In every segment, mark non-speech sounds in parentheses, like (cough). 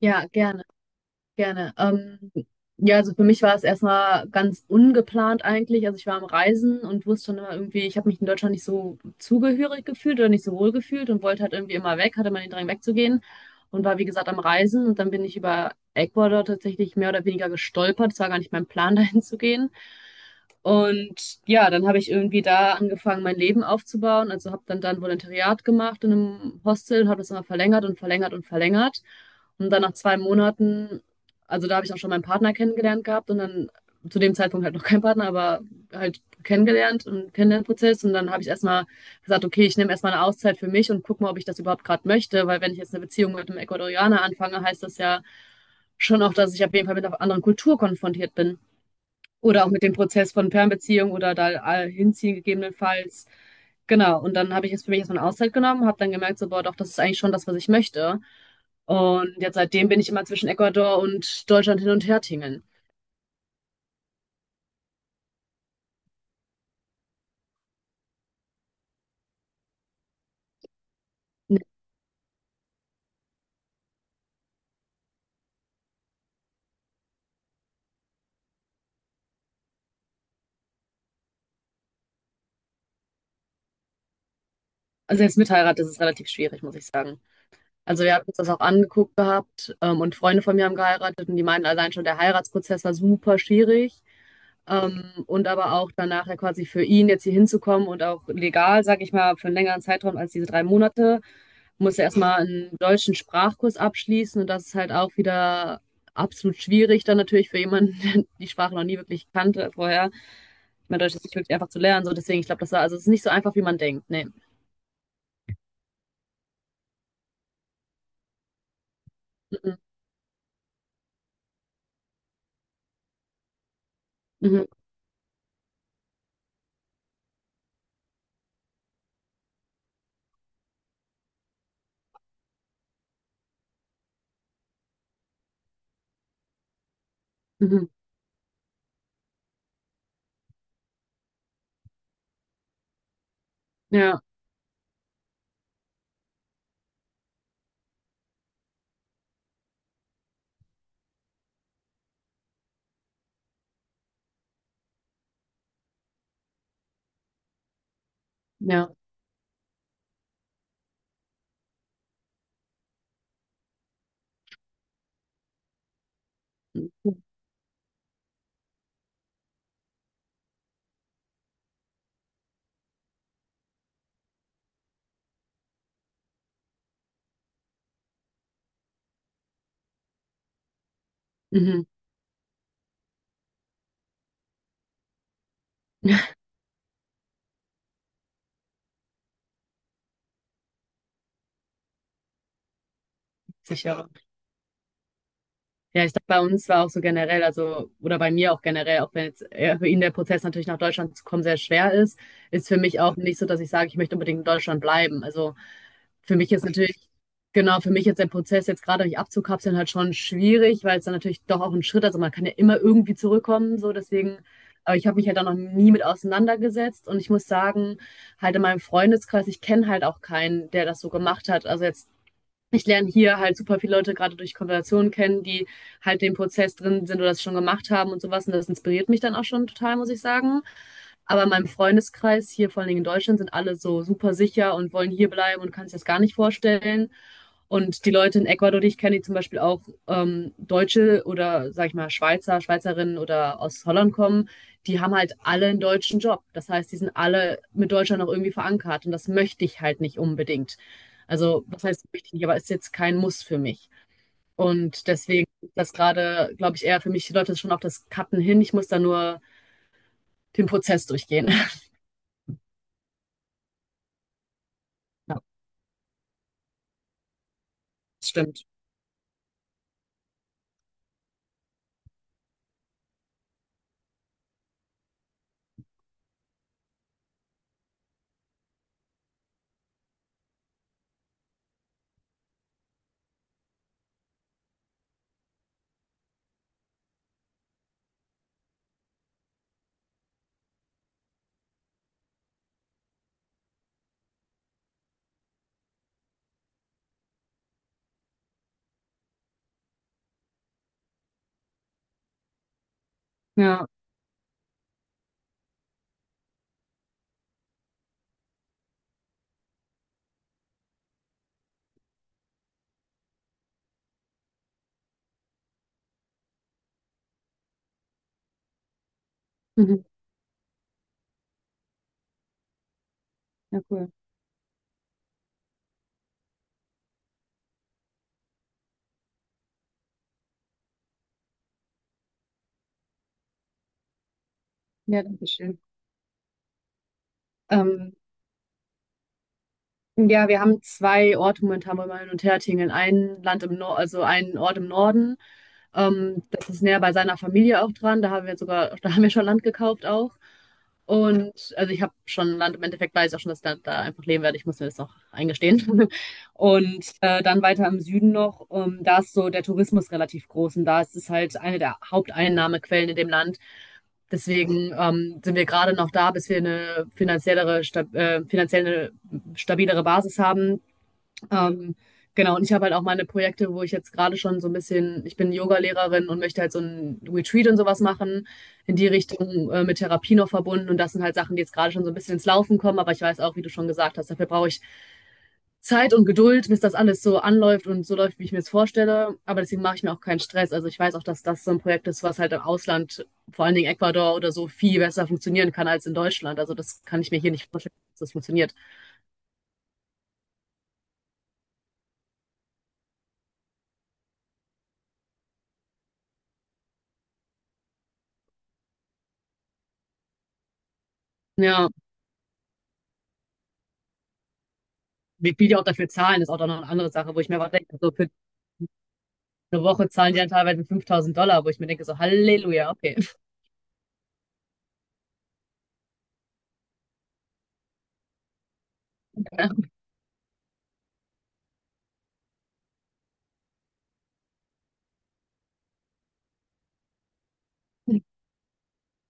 Ja, gerne, gerne. Ja, also für mich war es erstmal ganz ungeplant eigentlich. Also ich war am Reisen und wusste schon immer irgendwie, ich habe mich in Deutschland nicht so zugehörig gefühlt oder nicht so wohl gefühlt und wollte halt irgendwie immer weg, hatte mal den Drang wegzugehen und war wie gesagt am Reisen und dann bin ich über Ecuador tatsächlich mehr oder weniger gestolpert. Es war gar nicht mein Plan, (laughs) dahin zu gehen. Und ja, dann habe ich irgendwie da angefangen, mein Leben aufzubauen. Also habe dann Volontariat gemacht in einem Hostel und habe das immer verlängert und verlängert und verlängert. Und dann nach 2 Monaten, also da habe ich auch schon meinen Partner kennengelernt gehabt und dann zu dem Zeitpunkt halt noch kein Partner, aber halt kennengelernt und Kennenlernprozess. Und dann habe ich erstmal gesagt, okay, ich nehme erstmal eine Auszeit für mich und gucke mal, ob ich das überhaupt gerade möchte. Weil wenn ich jetzt eine Beziehung mit einem Ecuadorianer anfange, heißt das ja schon auch, dass ich auf jeden Fall mit einer anderen Kultur konfrontiert bin. Oder auch mit dem Prozess von Fernbeziehung oder da hinziehen gegebenenfalls. Genau, und dann habe ich jetzt für mich erstmal eine Auszeit genommen, habe dann gemerkt, so, boah, doch, das ist eigentlich schon das, was ich möchte. Und jetzt seitdem bin ich immer zwischen Ecuador und Deutschland hin und her tingeln. Also selbst mit Heirat ist es relativ schwierig, muss ich sagen. Also wir haben uns das auch angeguckt gehabt, und Freunde von mir haben geheiratet und die meinen allein schon, der Heiratsprozess war super schwierig. Und aber auch danach ja quasi für ihn jetzt hier hinzukommen und auch legal, sag ich mal, für einen längeren Zeitraum als diese 3 Monate musste erstmal einen deutschen Sprachkurs abschließen und das ist halt auch wieder absolut schwierig dann natürlich für jemanden, (laughs) der die Sprache noch nie wirklich kannte vorher. Ich Deutsch ist nicht wirklich einfach zu lernen, so deswegen, ich glaube, das war, also es ist nicht so einfach, wie man denkt. Nee. Mhm. Mhm. Mhm. Mhm. Ja, ja. Mhm. Mhm. Sicher. Ja, ich glaube, bei uns war auch so generell, also, oder bei mir auch generell, auch wenn jetzt für ihn der Prozess natürlich nach Deutschland zu kommen sehr schwer ist, ist für mich auch nicht so, dass ich sage, ich möchte unbedingt in Deutschland bleiben. Also für mich ist natürlich, genau, für mich jetzt der Prozess jetzt gerade mich abzukapseln halt schon schwierig, weil es dann natürlich doch auch ein Schritt, also man kann ja immer irgendwie zurückkommen, so deswegen, aber ich habe mich halt da noch nie mit auseinandergesetzt und ich muss sagen, halt in meinem Freundeskreis, ich kenne halt auch keinen, der das so gemacht hat. Also jetzt ich lerne hier halt super viele Leute gerade durch Konversationen kennen, die halt den Prozess drin sind oder das schon gemacht haben und sowas. Und das inspiriert mich dann auch schon total, muss ich sagen. Aber in meinem Freundeskreis hier, vor allen Dingen in Deutschland, sind alle so super sicher und wollen hier bleiben und kannst dir das gar nicht vorstellen. Und die Leute in Ecuador, die ich kenne, die zum Beispiel auch Deutsche oder, sag ich mal, Schweizer, Schweizerinnen oder aus Holland kommen, die haben halt alle einen deutschen Job. Das heißt, die sind alle mit Deutschland noch irgendwie verankert. Und das möchte ich halt nicht unbedingt. Also, was heißt wichtig, aber ist jetzt kein Muss für mich. Und deswegen ist das gerade, glaube ich, eher für mich, die Leute schon auf das Cutten hin. Ich muss da nur den Prozess durchgehen. (laughs) Ja, mhm. Ja, cool. Ja, danke schön. Ähm, ja, wir haben zwei Orte momentan, wo wir hin und her tingeln. Ein Land im Norden, also einen Ort im Norden. Das ist näher bei seiner Familie auch dran. Da haben wir sogar, (laughs) da haben wir schon Land gekauft auch. Und also ich habe schon Land im Endeffekt, weiß ich auch schon, dass ich da einfach leben werde. Ich muss mir das noch eingestehen. (laughs) Und dann weiter im Süden noch, da ist so der Tourismus relativ groß und da ist es halt eine der Haupteinnahmequellen in dem Land. Deswegen sind wir gerade noch da, bis wir eine finanziell eine stabilere Basis haben, ähm, genau, und ich habe halt auch meine Projekte, wo ich jetzt gerade schon so ein bisschen, ich bin Yoga-Lehrerin und möchte halt so ein Retreat und sowas machen, in die Richtung mit Therapie noch verbunden. Und das sind halt Sachen, die jetzt gerade schon so ein bisschen ins Laufen kommen. Aber ich weiß auch, wie du schon gesagt hast, dafür brauche ich Zeit und Geduld, bis das alles so anläuft und so läuft, wie ich mir es vorstelle. Aber deswegen mache ich mir auch keinen Stress. Also ich weiß auch, dass das so ein Projekt ist, was halt im Ausland, vor allen Dingen Ecuador oder so, viel besser funktionieren kann als in Deutschland. Also das kann ich mir hier nicht vorstellen, dass das funktioniert. Ja, wie viel die auch dafür zahlen, ist auch dann noch eine andere Sache, wo ich mir aber denke, so für eine Woche zahlen die dann teilweise 5000 Dollar, wo ich mir denke, so Halleluja, okay. (laughs)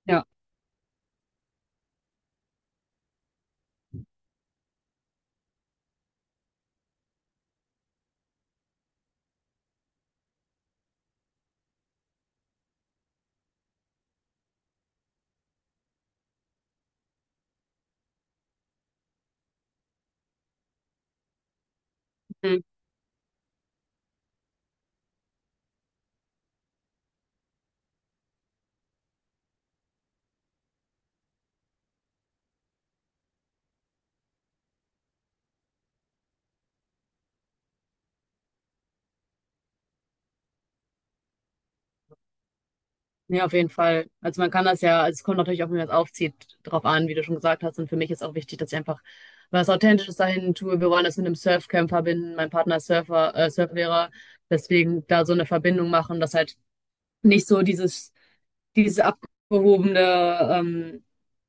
Ja, mhm. Ja, auf jeden Fall. Also man kann das ja, also es kommt natürlich auch, wie man es aufzieht, drauf an, wie du schon gesagt hast. Und für mich ist auch wichtig, dass ich einfach was Authentisches dahin tue. Wir wollen das mit einem Surfcamp verbinden. Mein Partner ist Surfer, Surflehrer. Deswegen da so eine Verbindung machen, dass halt nicht so dieses abgehobene, ähm,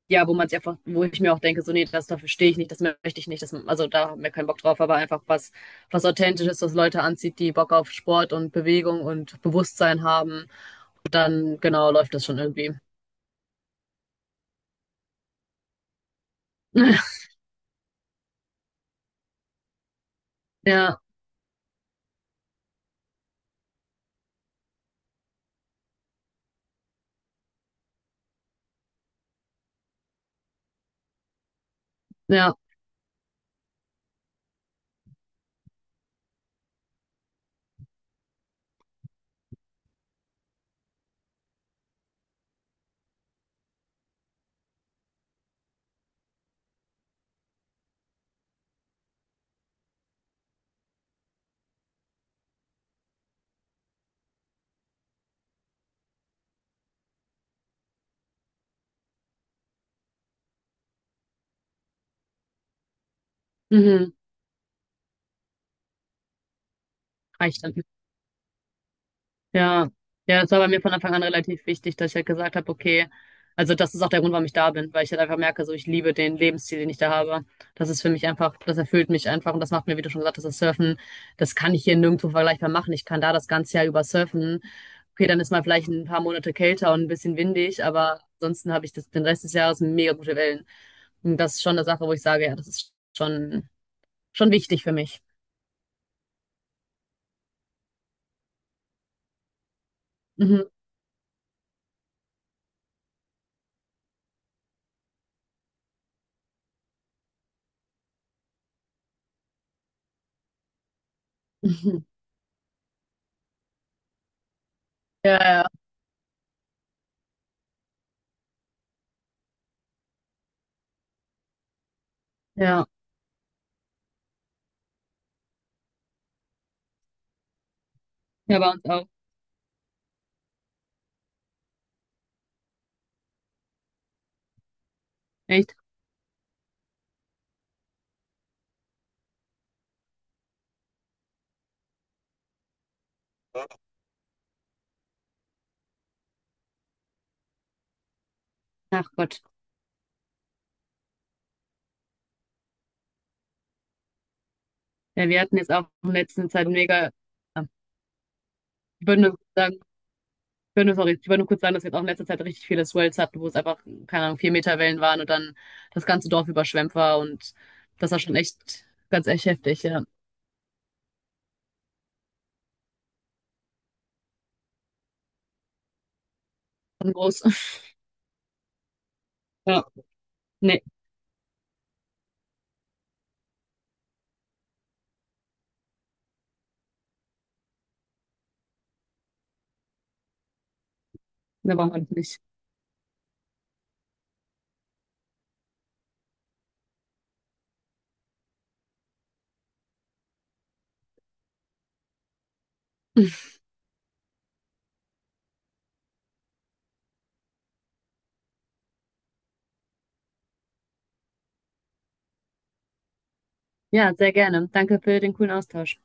ja, wo man es einfach, wo ich mir auch denke, so, nee, das dafür stehe ich nicht, das möchte ich nicht, das, also da haben wir keinen Bock drauf, aber einfach was, was Authentisches, was Leute anzieht, die Bock auf Sport und Bewegung und Bewusstsein haben, dann genau läuft das schon irgendwie. (laughs) Ja, ja, mhm, reicht dann. Ja, ja, das war bei mir von Anfang an relativ wichtig, dass ich halt gesagt habe, okay, also das ist auch der Grund, warum ich da bin, weil ich halt einfach merke, so ich liebe den Lebensstil, den ich da habe. Das ist für mich einfach, das erfüllt mich einfach und das macht mir, wie du schon gesagt hast, das Surfen, das kann ich hier nirgendwo vergleichbar machen. Ich kann da das ganze Jahr über surfen. Okay, dann ist mal vielleicht ein paar Monate kälter und ein bisschen windig, aber ansonsten habe ich das, den Rest des Jahres mega gute Wellen. Und das ist schon eine Sache, wo ich sage, ja, das ist schon, schon wichtig für mich. Mhm. (laughs) Mhm. Ja, ja, ja. Ja, bei uns auch. Echt? Ach Gott. Ja, wir hatten jetzt auch in letzter Zeit mega, ah, ich würde nur sagen, ich würde nur, sorry, ich würde nur kurz sagen, dass wir jetzt auch in letzter Zeit richtig viele Swells hatten, wo es einfach, keine Ahnung, 4 Meter Wellen waren und dann das ganze Dorf überschwemmt war und das war schon echt, ganz echt heftig, ja. Und groß. (laughs) Ja. Nee, da brauchen wir das nicht. (laughs) Ja, sehr gerne. Danke für den coolen Austausch.